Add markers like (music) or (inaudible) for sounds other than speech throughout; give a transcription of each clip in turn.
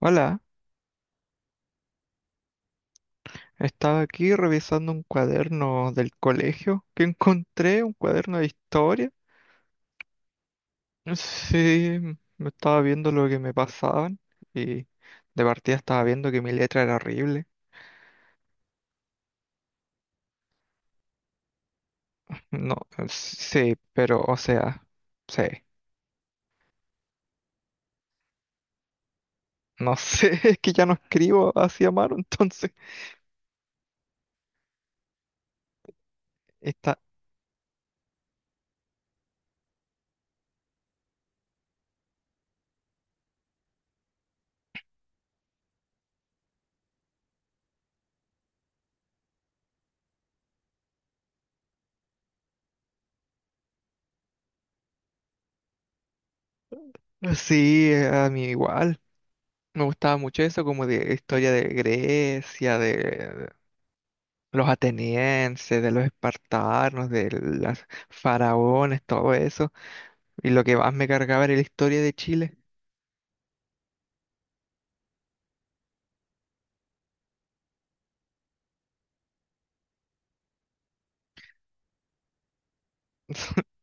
Hola, estaba aquí revisando un cuaderno del colegio que encontré, un cuaderno de historia. (laughs) Sí, me estaba viendo lo que me pasaban y de partida estaba viendo que mi letra era horrible. No, sí, pero o sea, sí, no sé, (laughs) es que ya no escribo así a mano, entonces está, sí, a mí igual. Me gustaba mucho eso como de historia de Grecia, de los atenienses, de los espartanos, de los faraones, todo eso. Y lo que más me cargaba era la historia de Chile. (laughs)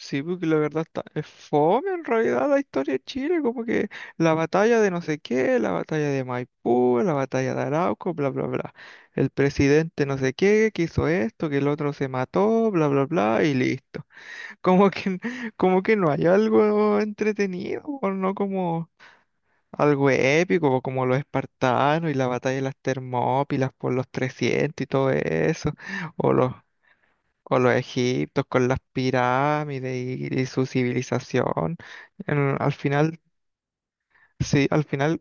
Sí, porque la verdad está, es fome en realidad la historia de Chile, como que la batalla de no sé qué, la batalla de Maipú, la batalla de Arauco, bla, bla, bla. El presidente no sé qué, que hizo esto, que el otro se mató, bla, bla, bla, y listo. (laughs) Como que, como que no hay algo entretenido, o no como algo épico, como los espartanos y la batalla de las Termópilas por los 300 y todo eso, o los, o los egiptos con las pirámides y su civilización. Al final, sí, al final,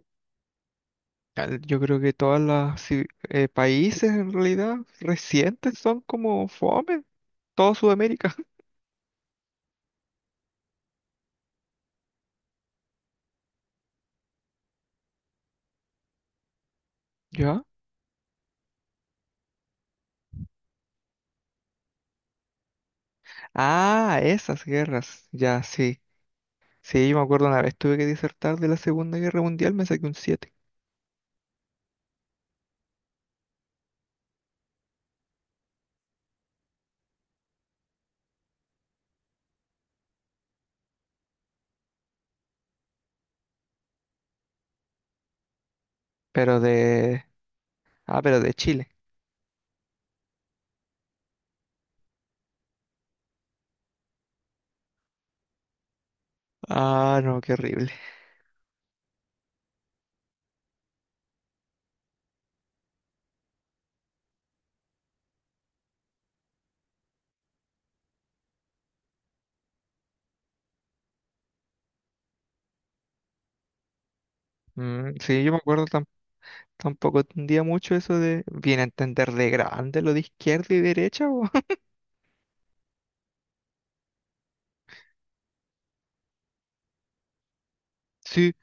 yo creo que todos los países en realidad recientes son como fome, todo Sudamérica. (laughs) ¿Ya? Ah, esas guerras, ya, sí. Sí, yo me acuerdo una vez tuve que disertar de la Segunda Guerra Mundial, me saqué un siete. Pero de, ah, pero de Chile. Ah, no, qué horrible. Mm, sí, yo me acuerdo tampoco entendía mucho eso de. Viene a entender de grande lo de izquierda y derecha, weón. (laughs) Sí,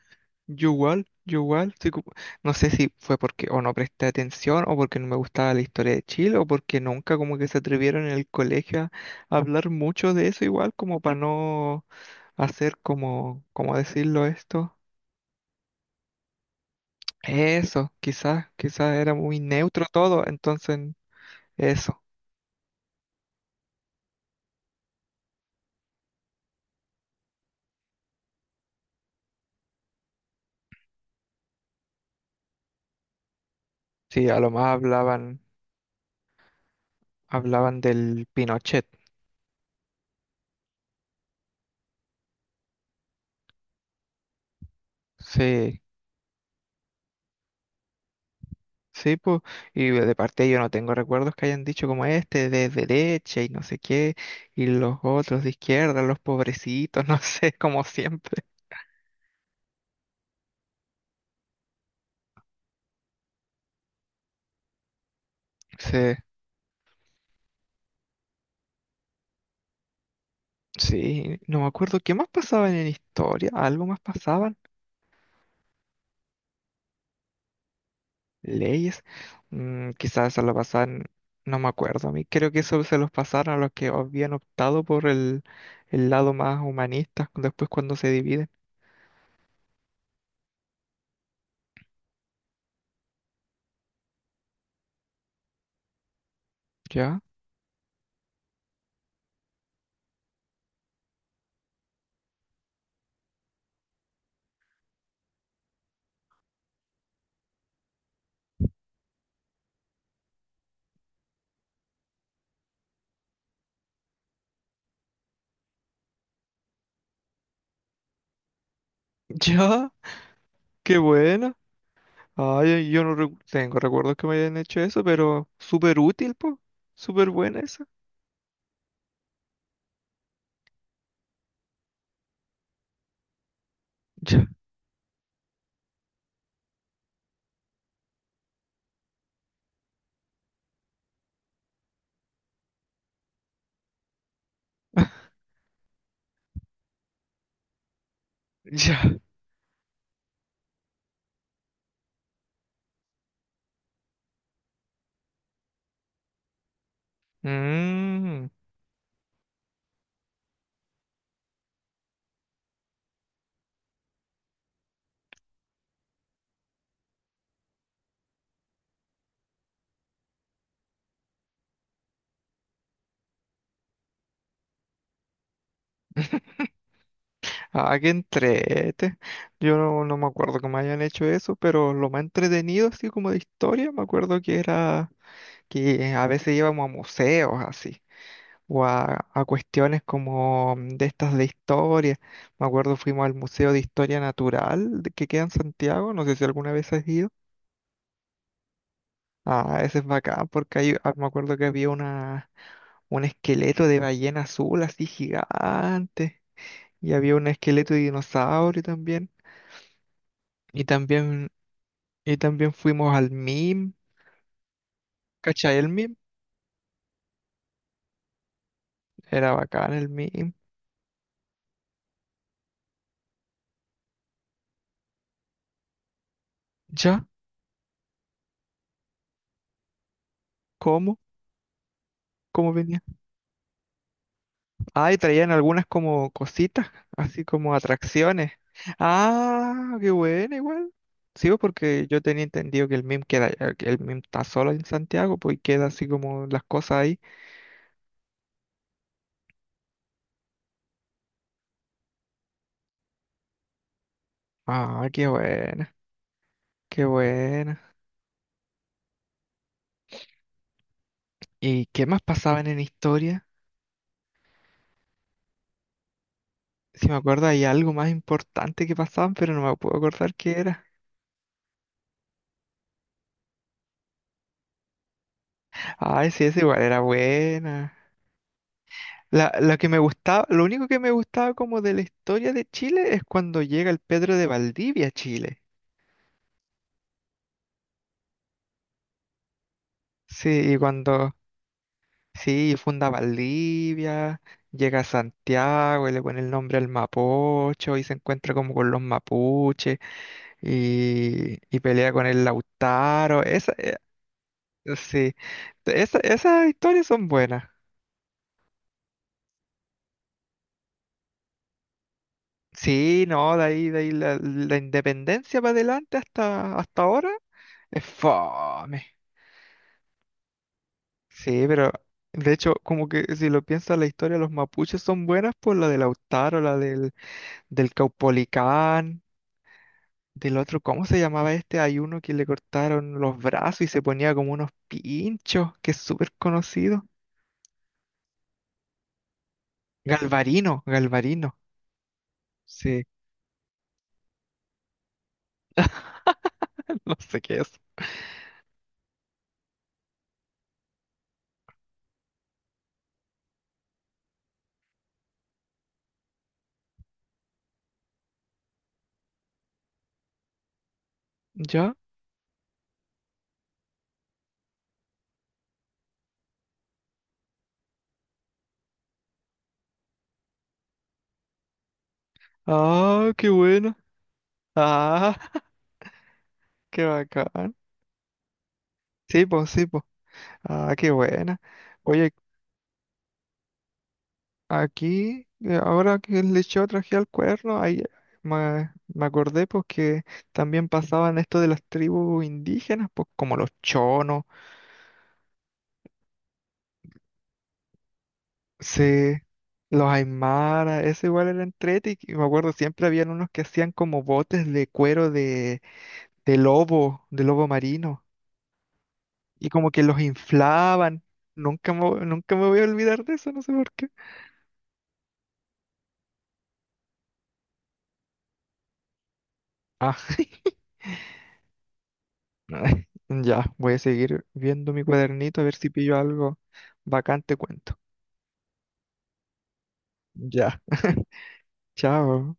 yo igual, yo igual, sí, como, no sé si fue porque o no presté atención o porque no me gustaba la historia de Chile o porque nunca como que se atrevieron en el colegio a hablar mucho de eso igual como para no hacer como, ¿cómo decirlo esto? Eso, quizás, quizás era muy neutro todo, entonces eso. Sí, a lo más hablaban, hablaban del Pinochet. Sí, sí, pues. Y de parte yo no tengo recuerdos que hayan dicho como este, de derecha y no sé qué, y los otros de izquierda, los pobrecitos, (laughs) no sé, como siempre. Sí, sí, no me acuerdo qué más pasaban en historia, algo más pasaban, leyes, mm, quizás se lo pasaban, no me acuerdo a mí. Creo que eso se los pasaron a los que habían optado por el lado más humanista después cuando se dividen. ¿Ya? (laughs) Ya, qué buena. Ay, yo no tengo recuerdos que me hayan hecho eso, pero súper útil, po. Súper buena esa. Ya, ya. Mm. (laughs) Ah, qué entrete. Yo no, no me acuerdo que me hayan hecho eso, pero lo más entretenido, así como de historia, me acuerdo que era que a veces íbamos a museos, así, o a cuestiones como mm, de estas de historia. Me acuerdo fuimos al Museo de Historia Natural que queda en Santiago, no sé si alguna vez has ido. Ah, ese es bacán porque ahí ah, me acuerdo que había una, un esqueleto de ballena azul así gigante y había un esqueleto de dinosaurio también. Y también, y también fuimos al MIM, ¿cachai? El MIM, era bacán el MIM. ¿Ya? ¿Cómo? ¿Cómo? Ay, traían algunas como cositas, así como atracciones. Ah, qué bueno, igual. Sí, pues, porque yo tenía entendido que el MIM queda, que el MIM está solo en Santiago, pues, y queda así como las cosas ahí. Ah, qué buena, qué buena. ¿Y qué más pasaban en historia? Si me acuerdo, hay algo más importante que pasaban, pero no me puedo acordar qué era. Ay, sí, esa igual era buena. La que me gustaba, lo único que me gustaba como de la historia de Chile es cuando llega el Pedro de Valdivia a Chile. Sí, y cuando, sí, funda Valdivia, llega a Santiago y le pone el nombre al Mapocho y se encuentra como con los mapuches y pelea con el Lautaro. Esa, sí, esas historias son buenas. Sí, no, de ahí la independencia para adelante hasta, hasta ahora es fome. Sí, pero de hecho, como que si lo piensas, la historia de los mapuches son buenas por la de Lautaro, la del, del Caupolicán. Del otro, ¿cómo se llamaba este? Hay uno que le cortaron los brazos y se ponía como unos pinchos, que es súper conocido. Galvarino, Galvarino. Sí, (laughs) no sé qué es. ¿Ya? Ah, qué bueno. Ah, (laughs) qué bacán. Sí, pues, sí, pues. Ah, qué buena. Oye, aquí, ahora que le yo traje al cuerno, ahí me acordé pues que también pasaban esto de las tribus indígenas, pues como los chonos. Sí, los Aymara, eso igual era entrete, y me acuerdo siempre habían unos que hacían como botes de cuero de lobo marino, y como que los inflaban. Nunca me, Nunca me voy a olvidar de eso, no sé por qué. Ah, (laughs) ay, ya, voy a seguir viendo mi cuadernito a ver si pillo algo bacán, te cuento. Ya, (laughs) chao.